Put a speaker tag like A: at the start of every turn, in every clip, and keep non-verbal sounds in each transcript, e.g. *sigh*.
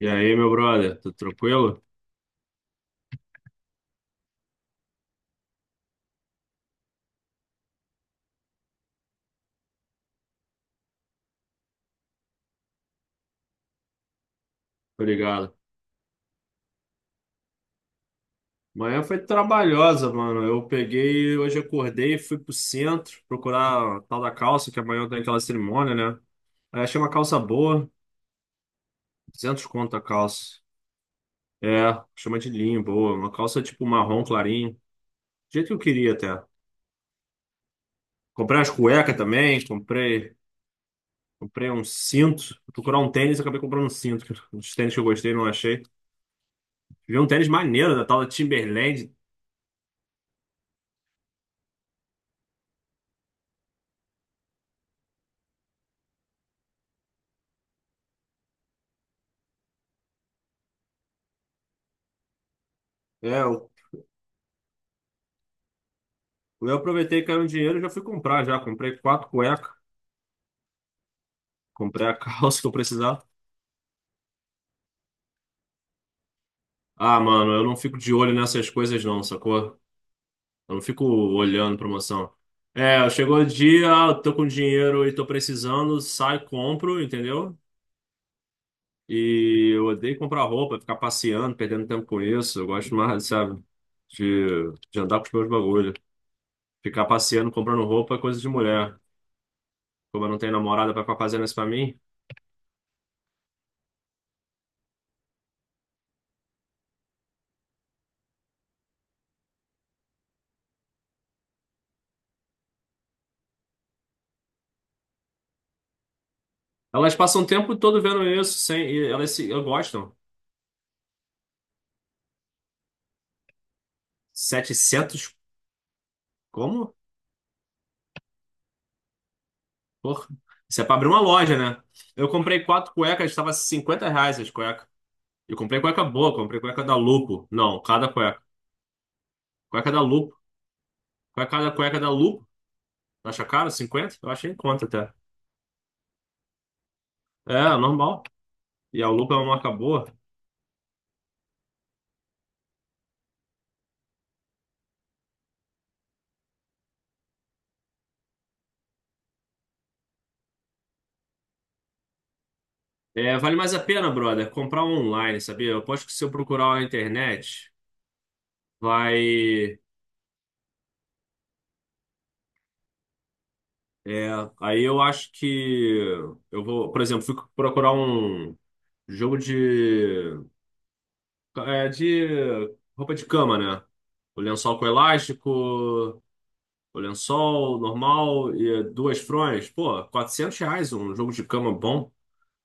A: E aí, meu brother, tá tranquilo? Obrigado. Manhã foi trabalhosa, mano. Eu peguei, hoje acordei, fui pro centro procurar a tal da calça, que amanhã tem aquela cerimônia, né? Aí achei uma calça boa, 200 conto a calça. É, chama de linho, boa. Uma calça tipo marrom clarinho, do jeito que eu queria até. Comprei as cuecas também, comprei um cinto. Fui procurar um tênis, acabei comprando um cinto. Os tênis que eu gostei, não achei. Vi um tênis maneiro da tal da Timberland. É, eu aproveitei que caiu um dinheiro e já fui comprar já. Comprei quatro cuecas, comprei a *laughs* calça que eu precisava. Ah, mano, eu não fico de olho nessas coisas não, sacou? Eu não fico olhando promoção. É, chegou o dia, ah, eu tô com dinheiro e tô precisando, sai, compro, entendeu? E eu odeio comprar roupa, ficar passeando, perdendo tempo com isso. Eu gosto mais, sabe, de andar com os meus bagulhos. Ficar passeando, comprando roupa é coisa de mulher. Como eu não tenho namorada pra ficar fazendo isso pra mim, elas passam o tempo todo vendo isso, sem, e elas se, eu gostam. 700, como? Porra. Isso é pra abrir uma loja, né? Eu comprei quatro cuecas, estava R$ 50 as cuecas. Eu comprei cueca boa, comprei cueca da Lupo. Não, cada cueca. Cueca da Lupo. Cada cueca da Lupo. Acha caro? 50? Eu achei em conta até. É, normal. E a Lupo é uma marca boa. É, vale mais a pena, brother, comprar online, sabia? Eu aposto que se eu procurar na internet, vai. É, aí eu acho que eu vou, por exemplo, fui procurar um jogo de roupa de cama, né? O lençol com elástico, o lençol normal e duas fronhas. Pô, R$ 400 um jogo de cama bom.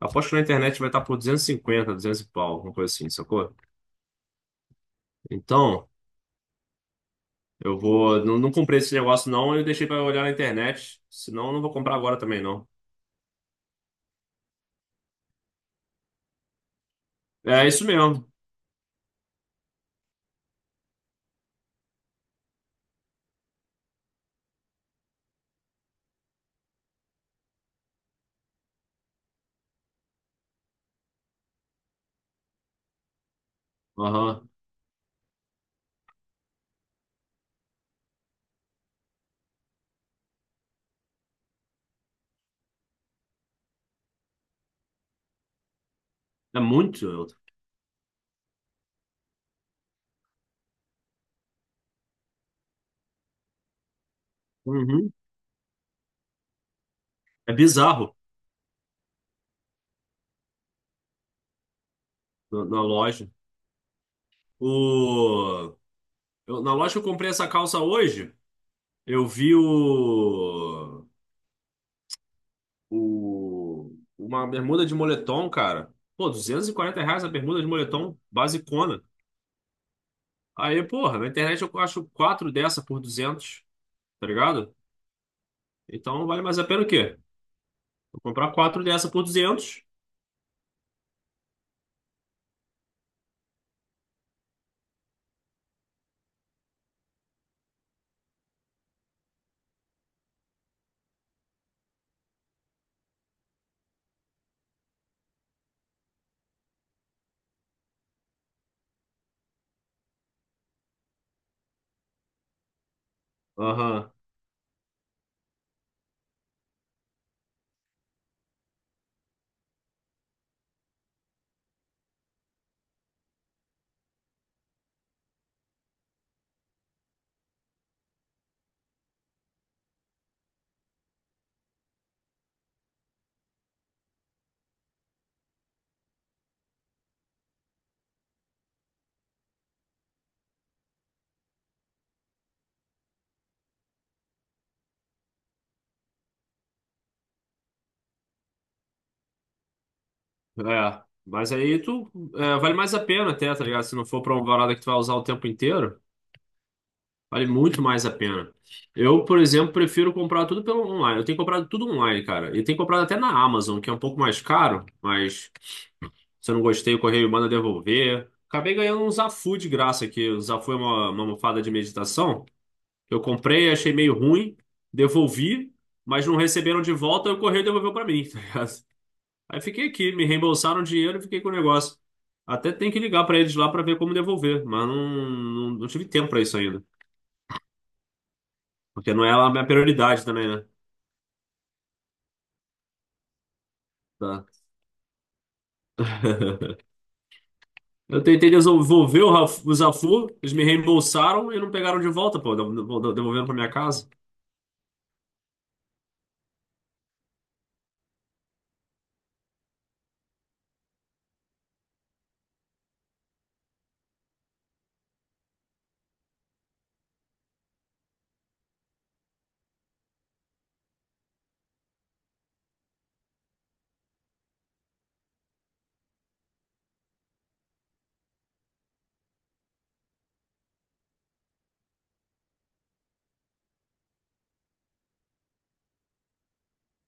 A: Aposto que na internet vai estar por 250, 200 e pau, alguma coisa assim, sacou? Então, eu vou. Não, não comprei esse negócio, não. Eu deixei pra olhar na internet. Senão, eu não vou comprar agora também, não. É isso mesmo. Aham. É muito. Uhum. É bizarro na, loja. O, na loja que eu comprei essa calça hoje, eu vi uma bermuda de moletom, cara. Pô, R$ 240 a bermuda de moletom basicona. Aí, porra, na internet eu acho quatro dessa por 200. Tá ligado? Então vale mais a pena o quê? Eu comprar quatro dessa por 200? Aham, é. Mas aí tu, é, vale mais a pena até, tá ligado? Se não for pra uma parada que tu vai usar o tempo inteiro. Vale muito mais a pena. Eu, por exemplo, prefiro comprar tudo pelo online. Eu tenho comprado tudo online, cara. E tenho comprado até na Amazon, que é um pouco mais caro, mas se eu não gostei, o correio manda devolver. Acabei ganhando um Zafu de graça aqui. O Zafu é uma almofada de meditação. Eu comprei, achei meio ruim, devolvi, mas não receberam de volta e o correio devolveu pra mim, *laughs* tá ligado? Aí fiquei aqui, me reembolsaram o dinheiro e fiquei com o negócio. Até tem que ligar pra eles lá pra ver como devolver, mas não tive tempo pra isso ainda. Porque não é a minha prioridade também, né? Tá. *laughs* Eu tentei desenvolver o Zafu, eles me reembolsaram e não pegaram de volta, pô, devolvendo pra minha casa.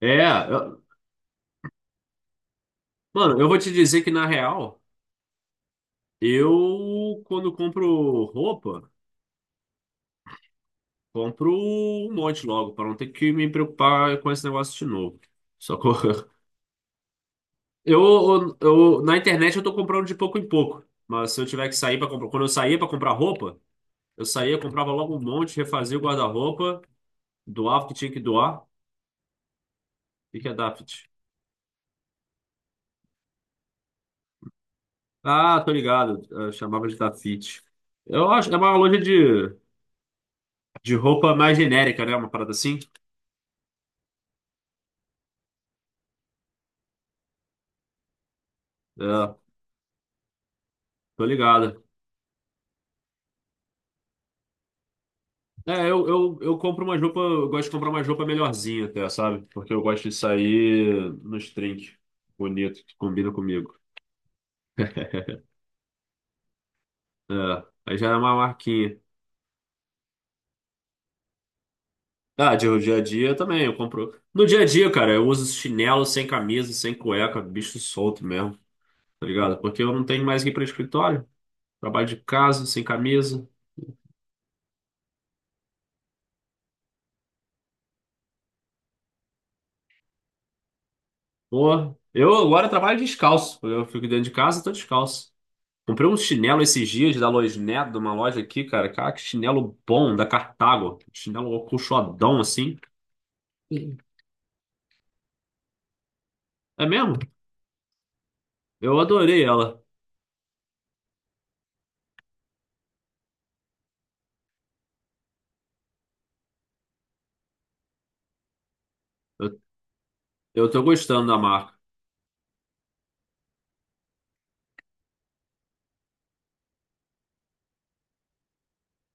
A: É, eu- mano, eu vou te dizer que na real, eu quando compro roupa, compro um monte logo, pra não ter que me preocupar com esse negócio de novo. Só que eu, *laughs* na internet eu tô comprando de pouco em pouco, mas se eu tiver que sair para comprar, quando eu saía pra comprar roupa, eu saía, comprava logo um monte, refazia o guarda-roupa. Doar o que tinha que doar? O que que é Dafit? Ah, tô ligado. Eu chamava de Dafit. Eu acho, que é uma loja de, roupa mais genérica, né? Uma parada assim. É, tô ligado. É, eu compro uma roupa, eu gosto de comprar uma roupa melhorzinha até, sabe? Porque eu gosto de sair nos trinques bonito, que combina comigo. *laughs* É, aí já é uma marquinha. Ah, de dia a dia também, eu compro. No dia a dia, cara, eu uso chinelo sem camisa, sem cueca, bicho solto mesmo. Tá ligado? Porque eu não tenho mais que ir para escritório. Trabalho de casa, sem camisa. Porra, eu agora trabalho descalço. Eu fico dentro de casa, tô descalço. Comprei um chinelo esses dias da Loisnet, de uma loja aqui, cara. Cara, que chinelo bom, da Cartago. Chinelo acolchoadão, assim. Sim. É mesmo? Eu adorei ela. Eu, eu tô gostando da marca.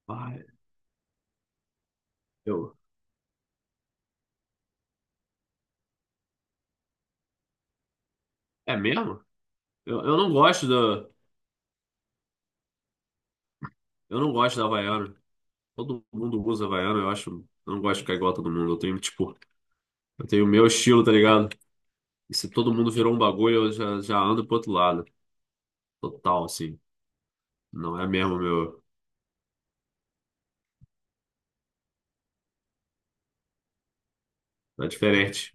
A: Ai, eu, é mesmo? Eu não gosto da, eu não gosto da Havaiana. Todo mundo usa Havaiana, eu acho. Eu não gosto de ficar igual a todo mundo. Eu tenho, tipo, eu tenho o meu estilo, tá ligado? E se todo mundo virou um bagulho, eu já, ando pro outro lado. Total, assim. Não é mesmo, meu. É diferente.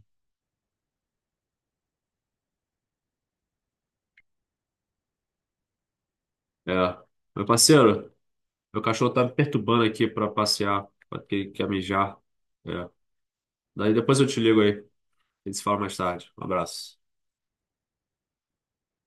A: É. Meu parceiro, meu cachorro tá me perturbando aqui pra passear, porque ele quer mijar. É. Daí depois eu te ligo aí. A gente se fala mais tarde. Um abraço.